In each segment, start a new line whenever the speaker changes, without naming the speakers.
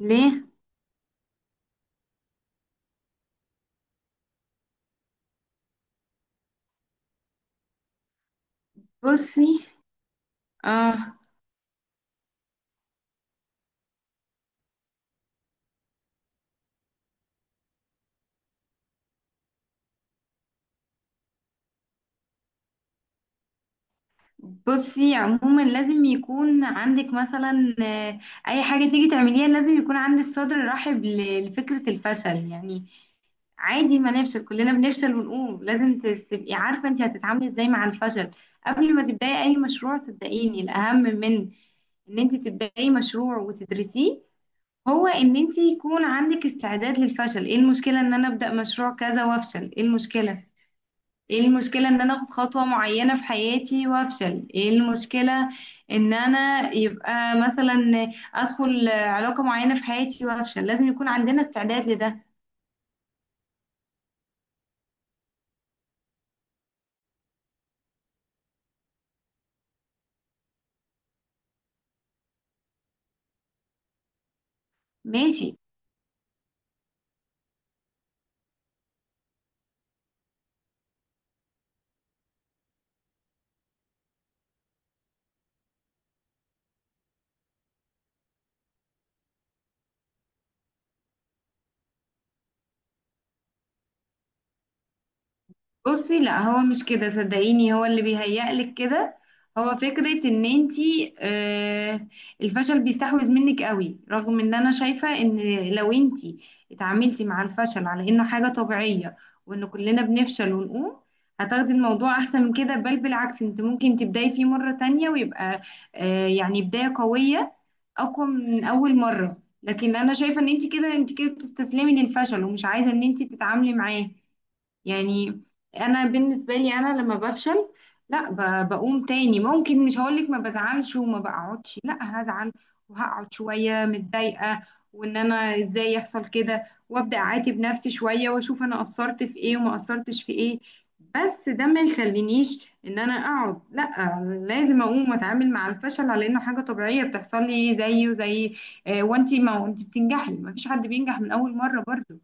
ليه؟ بصي، اه، بصي عموما لازم يكون عندك مثلا اي حاجه تيجي تعمليها لازم يكون عندك صدر رحب لفكره الفشل يعني. عادي، ما نفشل، كلنا بنفشل ونقوم، لازم تبقي عارفه انت هتتعاملي ازاي مع الفشل قبل ما تبداي اي مشروع. صدقيني الاهم من ان انت تبداي مشروع وتدرسيه هو ان انت يكون عندك استعداد للفشل. ايه المشكله ان انا ابدا مشروع كذا وافشل؟ ايه المشكله؟ ايه المشكلة ان انا اخد خطوة معينة في حياتي وافشل؟ ايه المشكلة ان انا يبقى مثلا ادخل علاقة معينة في حياتي وافشل؟ لازم يكون عندنا استعداد لده. ماشي. بصي، لا هو مش كده، صدقيني، هو اللي بيهيألك كده. هو فكرة ان انتي، الفشل بيستحوذ منك قوي، رغم ان انا شايفة ان لو انتي اتعاملتي مع الفشل على انه حاجة طبيعية، وان كلنا بنفشل ونقوم، هتاخدي الموضوع احسن من كده، بل بالعكس انت ممكن تبداي فيه مرة تانية ويبقى يعني بداية قوية اقوى من اول مرة. لكن انا شايفة ان انتي كده بتستسلمي للفشل ومش عايزة ان انتي تتعاملي معاه يعني. انا بالنسبه لي انا لما بفشل، لا بقوم تاني. ممكن مش هقولك ما بزعلش وما بقعدش، لا هزعل وهقعد شويه متضايقه وان انا ازاي يحصل كده، وابدا اعاتب نفسي شويه واشوف انا قصرت في ايه وما قصرتش في ايه. بس ده ما يخلينيش ان انا اقعد، لا، لازم اقوم واتعامل مع الفشل على انه حاجه طبيعيه بتحصل لي زيه زي وانتي ما وانتي بتنجحي، ما فيش حد بينجح من اول مره برضو.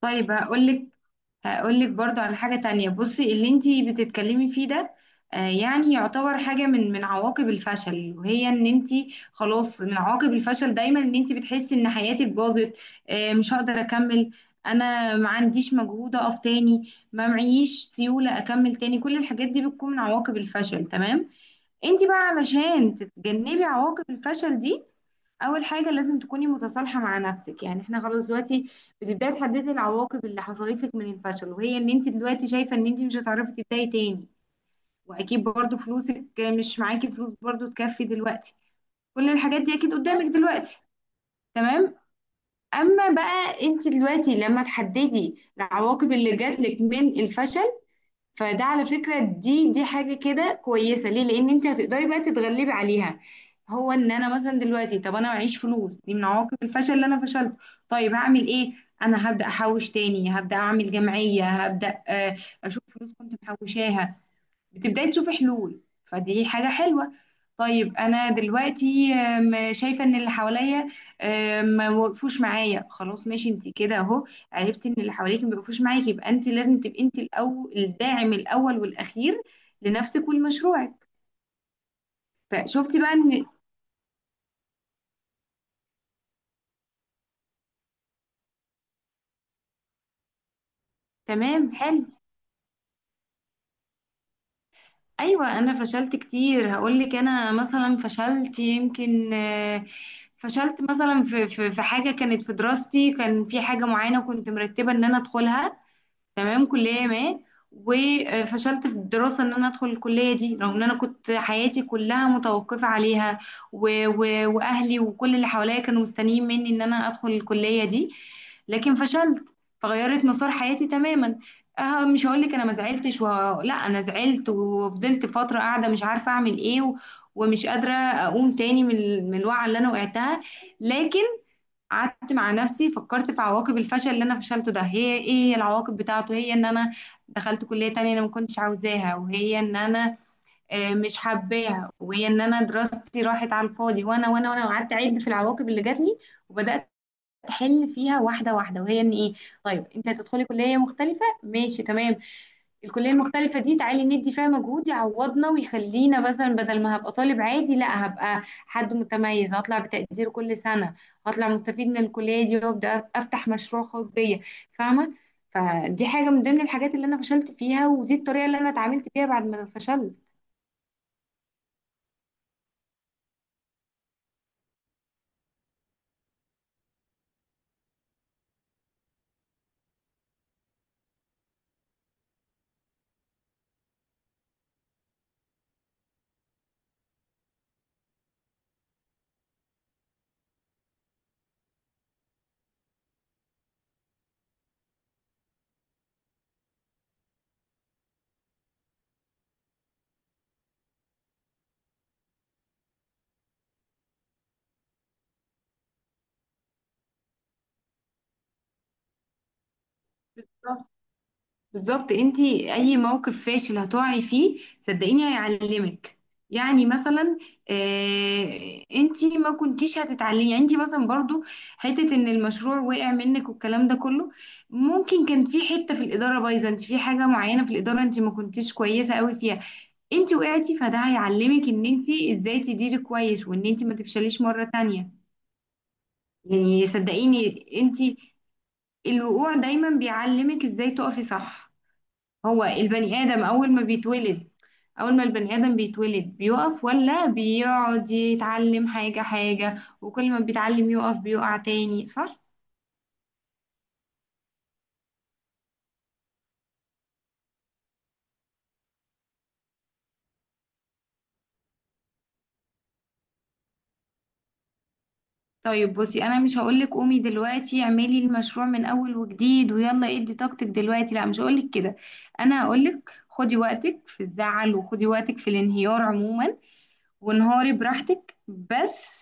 طيب هقول لك، هقول لك برضو على حاجة تانية. بصي، اللي انتي بتتكلمي فيه ده يعني يعتبر حاجة من عواقب الفشل، وهي ان انتي خلاص من عواقب الفشل دايما ان انتي بتحسي ان حياتك باظت، مش هقدر اكمل، انا ما عنديش مجهود اقف تاني، ما معيش سيولة اكمل تاني. كل الحاجات دي بتكون من عواقب الفشل. تمام؟ انتي بقى علشان تتجنبي عواقب الفشل دي، اول حاجه لازم تكوني متصالحه مع نفسك. يعني احنا خلاص دلوقتي بتبداي تحددي العواقب اللي حصلت لك من الفشل، وهي ان انت دلوقتي شايفه ان انت مش هتعرفي تبداي تاني، واكيد برضو فلوسك مش معاكي، فلوس برضو تكفي دلوقتي، كل الحاجات دي اكيد قدامك دلوقتي. تمام؟ اما بقى انت دلوقتي لما تحددي العواقب اللي جات لك من الفشل، فده على فكرة، دي حاجة كده كويسة، ليه؟ لأن انت هتقدري بقى تتغلبي عليها. هو ان انا مثلا دلوقتي، طب انا معيش فلوس، دي من عواقب الفشل اللي انا فشلت. طيب هعمل ايه؟ انا هبدأ احوش تاني، هبدأ اعمل جمعية، هبدأ اشوف فلوس كنت محوشاها. بتبداي تشوفي حلول، فدي حاجة حلوة. طيب أنا دلوقتي شايفة إن اللي حواليا ما وقفوش معايا، خلاص ماشي، أنت كده أهو، عرفتي إن اللي حواليك ما وقفوش معاكي، يبقى أنت لازم تبقي أنت الأول، الداعم الأول والأخير لنفسك ولمشروعك. فشفتي بقى إن، تمام. حلو. أيوة أنا فشلت كتير. هقولك، أنا مثلا فشلت يمكن، فشلت مثلا في حاجة كانت في دراستي، كان في حاجة معينة كنت مرتبة إن أنا أدخلها، تمام، كلية ما. وفشلت في الدراسة ان انا ادخل الكلية دي، رغم ان انا كنت حياتي كلها متوقفة عليها، و... و... واهلي وكل اللي حواليا كانوا مستنيين مني ان انا ادخل الكلية دي، لكن فشلت، فغيرت مسار حياتي تماما. أه، مش هقول لك انا ما زعلتش لا، انا زعلت وفضلت فترة قاعدة مش عارفة اعمل ايه ومش قادرة اقوم تاني من من الوعي اللي انا وقعتها. لكن قعدت مع نفسي، فكرت في عواقب الفشل اللي انا فشلته ده، هي ايه العواقب بتاعته؟ هي ان انا دخلت كلية تانية انا ما كنتش عاوزاها، وهي ان انا مش حباها، وهي ان انا دراستي راحت على الفاضي، وانا وقعدت اعد في العواقب اللي جات لي، وبدأت احل فيها واحدة واحدة. وهي ان ايه؟ طيب انت هتدخلي كلية مختلفة، ماشي تمام، الكلية المختلفة دي تعالي ندي فيها مجهود يعوضنا ويخلينا، مثلا بدل ما هبقى طالب عادي، لا، هبقى حد متميز، هطلع بتقدير كل سنة، هطلع مستفيد من الكلية دي، وابدأ افتح مشروع خاص بيا. فاهمة؟ فدي حاجة من ضمن الحاجات اللي انا فشلت فيها، ودي الطريقة اللي انا اتعاملت بيها بعد ما فشلت. بالظبط، انتي اي موقف فاشل هتقعي فيه صدقيني هيعلمك. يعني مثلا انتي ما كنتيش هتتعلمي يعني. انتي مثلا برضو حتة ان المشروع وقع منك والكلام ده كله، ممكن كان في حتة في الإدارة بايظة، انتي في حاجة معينة في الإدارة انتي ما كنتيش كويسة قوي فيها، انتي وقعتي، فده هيعلمك ان انتي ازاي تديري كويس، وان انتي ما تفشليش مرة تانية. يعني صدقيني انتي الوقوع دايما بيعلمك ازاي تقفي صح. هو البني آدم أول ما بيتولد، أول ما البني آدم بيتولد بيقف ولا بيقعد يتعلم حاجة حاجة، وكل ما بيتعلم يقف بيقع تاني، صح؟ طيب بصي، أنا مش هقولك قومي دلوقتي اعملي المشروع من أول وجديد ويلا ادي طاقتك دلوقتي، لا، مش هقولك كده. أنا هقولك خدي وقتك في الزعل وخدي وقتك في الانهيار عموما، ونهاري براحتك، بس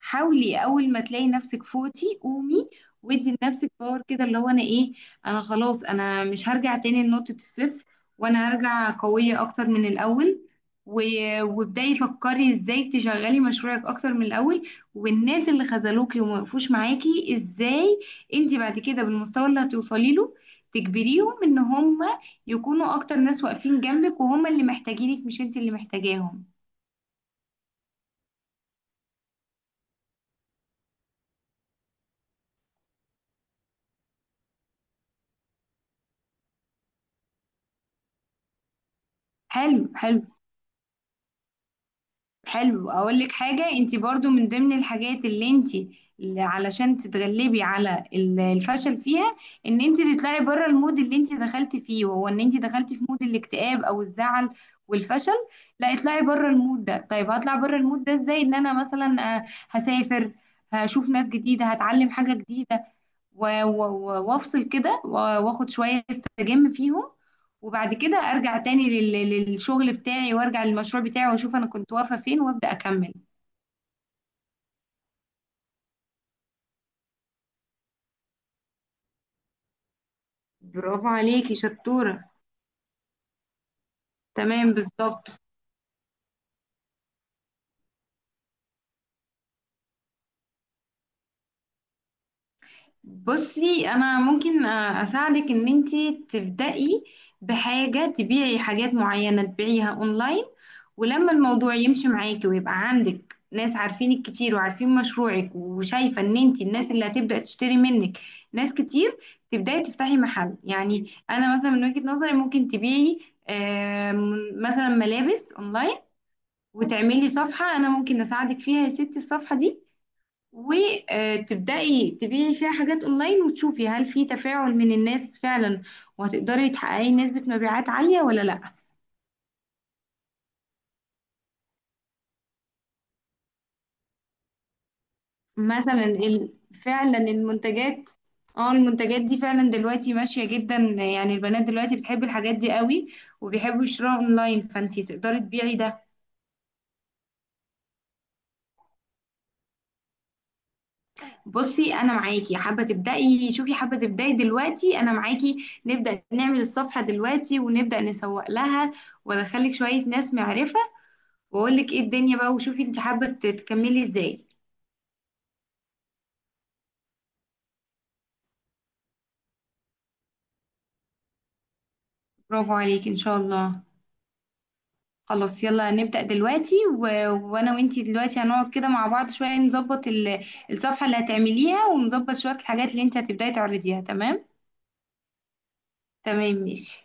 حاولي اول ما تلاقي نفسك فوتي قومي، وادي لنفسك باور كده، اللي هو انا ايه، انا خلاص انا مش هرجع تاني لنقطة الصفر، وانا هرجع قوية اكتر من الاول، و... وابداي فكري ازاي تشغلي مشروعك اكتر من الاول، والناس اللي خذلوكي وما وقفوش معاكي، ازاي انت بعد كده بالمستوى اللي هتوصلي له تجبريهم ان هم يكونوا اكتر ناس واقفين جنبك، وهم اللي محتاجينك مش انت اللي محتاجاهم. حلو حلو حلو، اقول لك حاجه. انت برضو من ضمن الحاجات اللي انت اللي علشان تتغلبي على الفشل فيها، ان انت تطلعي بره المود اللي انت دخلتي فيه، وهو ان انت دخلتي في مود الاكتئاب او الزعل والفشل. لا، اطلعي بره المود ده. طيب هطلع بره المود ده ازاي؟ ان انا مثلا هسافر، هشوف ناس جديده، هتعلم حاجه جديده، وافصل كده واخد شويه استجم فيهم، وبعد كده ارجع تاني للشغل بتاعي، وارجع للمشروع بتاعي واشوف انا كنت واقفة فين وابدأ اكمل. برافو عليكي، شطورة. تمام، بالظبط. بصي، انا ممكن اساعدك ان انتي تبدأي بحاجة، تبيعي حاجات معينة تبيعيها اونلاين، ولما الموضوع يمشي معاكي ويبقى عندك ناس عارفينك كتير وعارفين مشروعك، وشايفة ان انتي الناس اللي هتبدأ تشتري منك ناس كتير، تبدأي تفتحي محل. يعني انا مثلا من وجهة نظري ممكن تبيعي آم، مثلا ملابس اونلاين، وتعملي صفحة انا ممكن اساعدك فيها يا ستي، الصفحة دي وتبدأي تبيعي فيها حاجات اونلاين، وتشوفي هل في تفاعل من الناس فعلا، وهتقدري تحققي نسبة مبيعات عالية ولا لا. مثلا ال- فعلا المنتجات، اه، المنتجات دي فعلا دلوقتي ماشية جدا، يعني البنات دلوقتي بتحب الحاجات دي قوي وبيحبوا يشتروها اونلاين، فانتي تقدري تبيعي ده. بصي انا معاكي، حابة تبدأي؟ شوفي، حابة تبدأي دلوقتي، انا معاكي، نبدأ نعمل الصفحة دلوقتي، ونبدأ نسوق لها، وادخلك شوية ناس معرفة، واقول لك ايه الدنيا بقى، وشوفي انت حابة تكملي ازاي. برافو عليك، ان شاء الله. خلاص يلا نبدأ دلوقتي وانا وانتي دلوقتي هنقعد كده مع بعض شوية، نظبط الصفحة اللي هتعمليها، ونظبط شوية الحاجات اللي انت هتبداي تعرضيها. تمام؟ تمام، ماشي.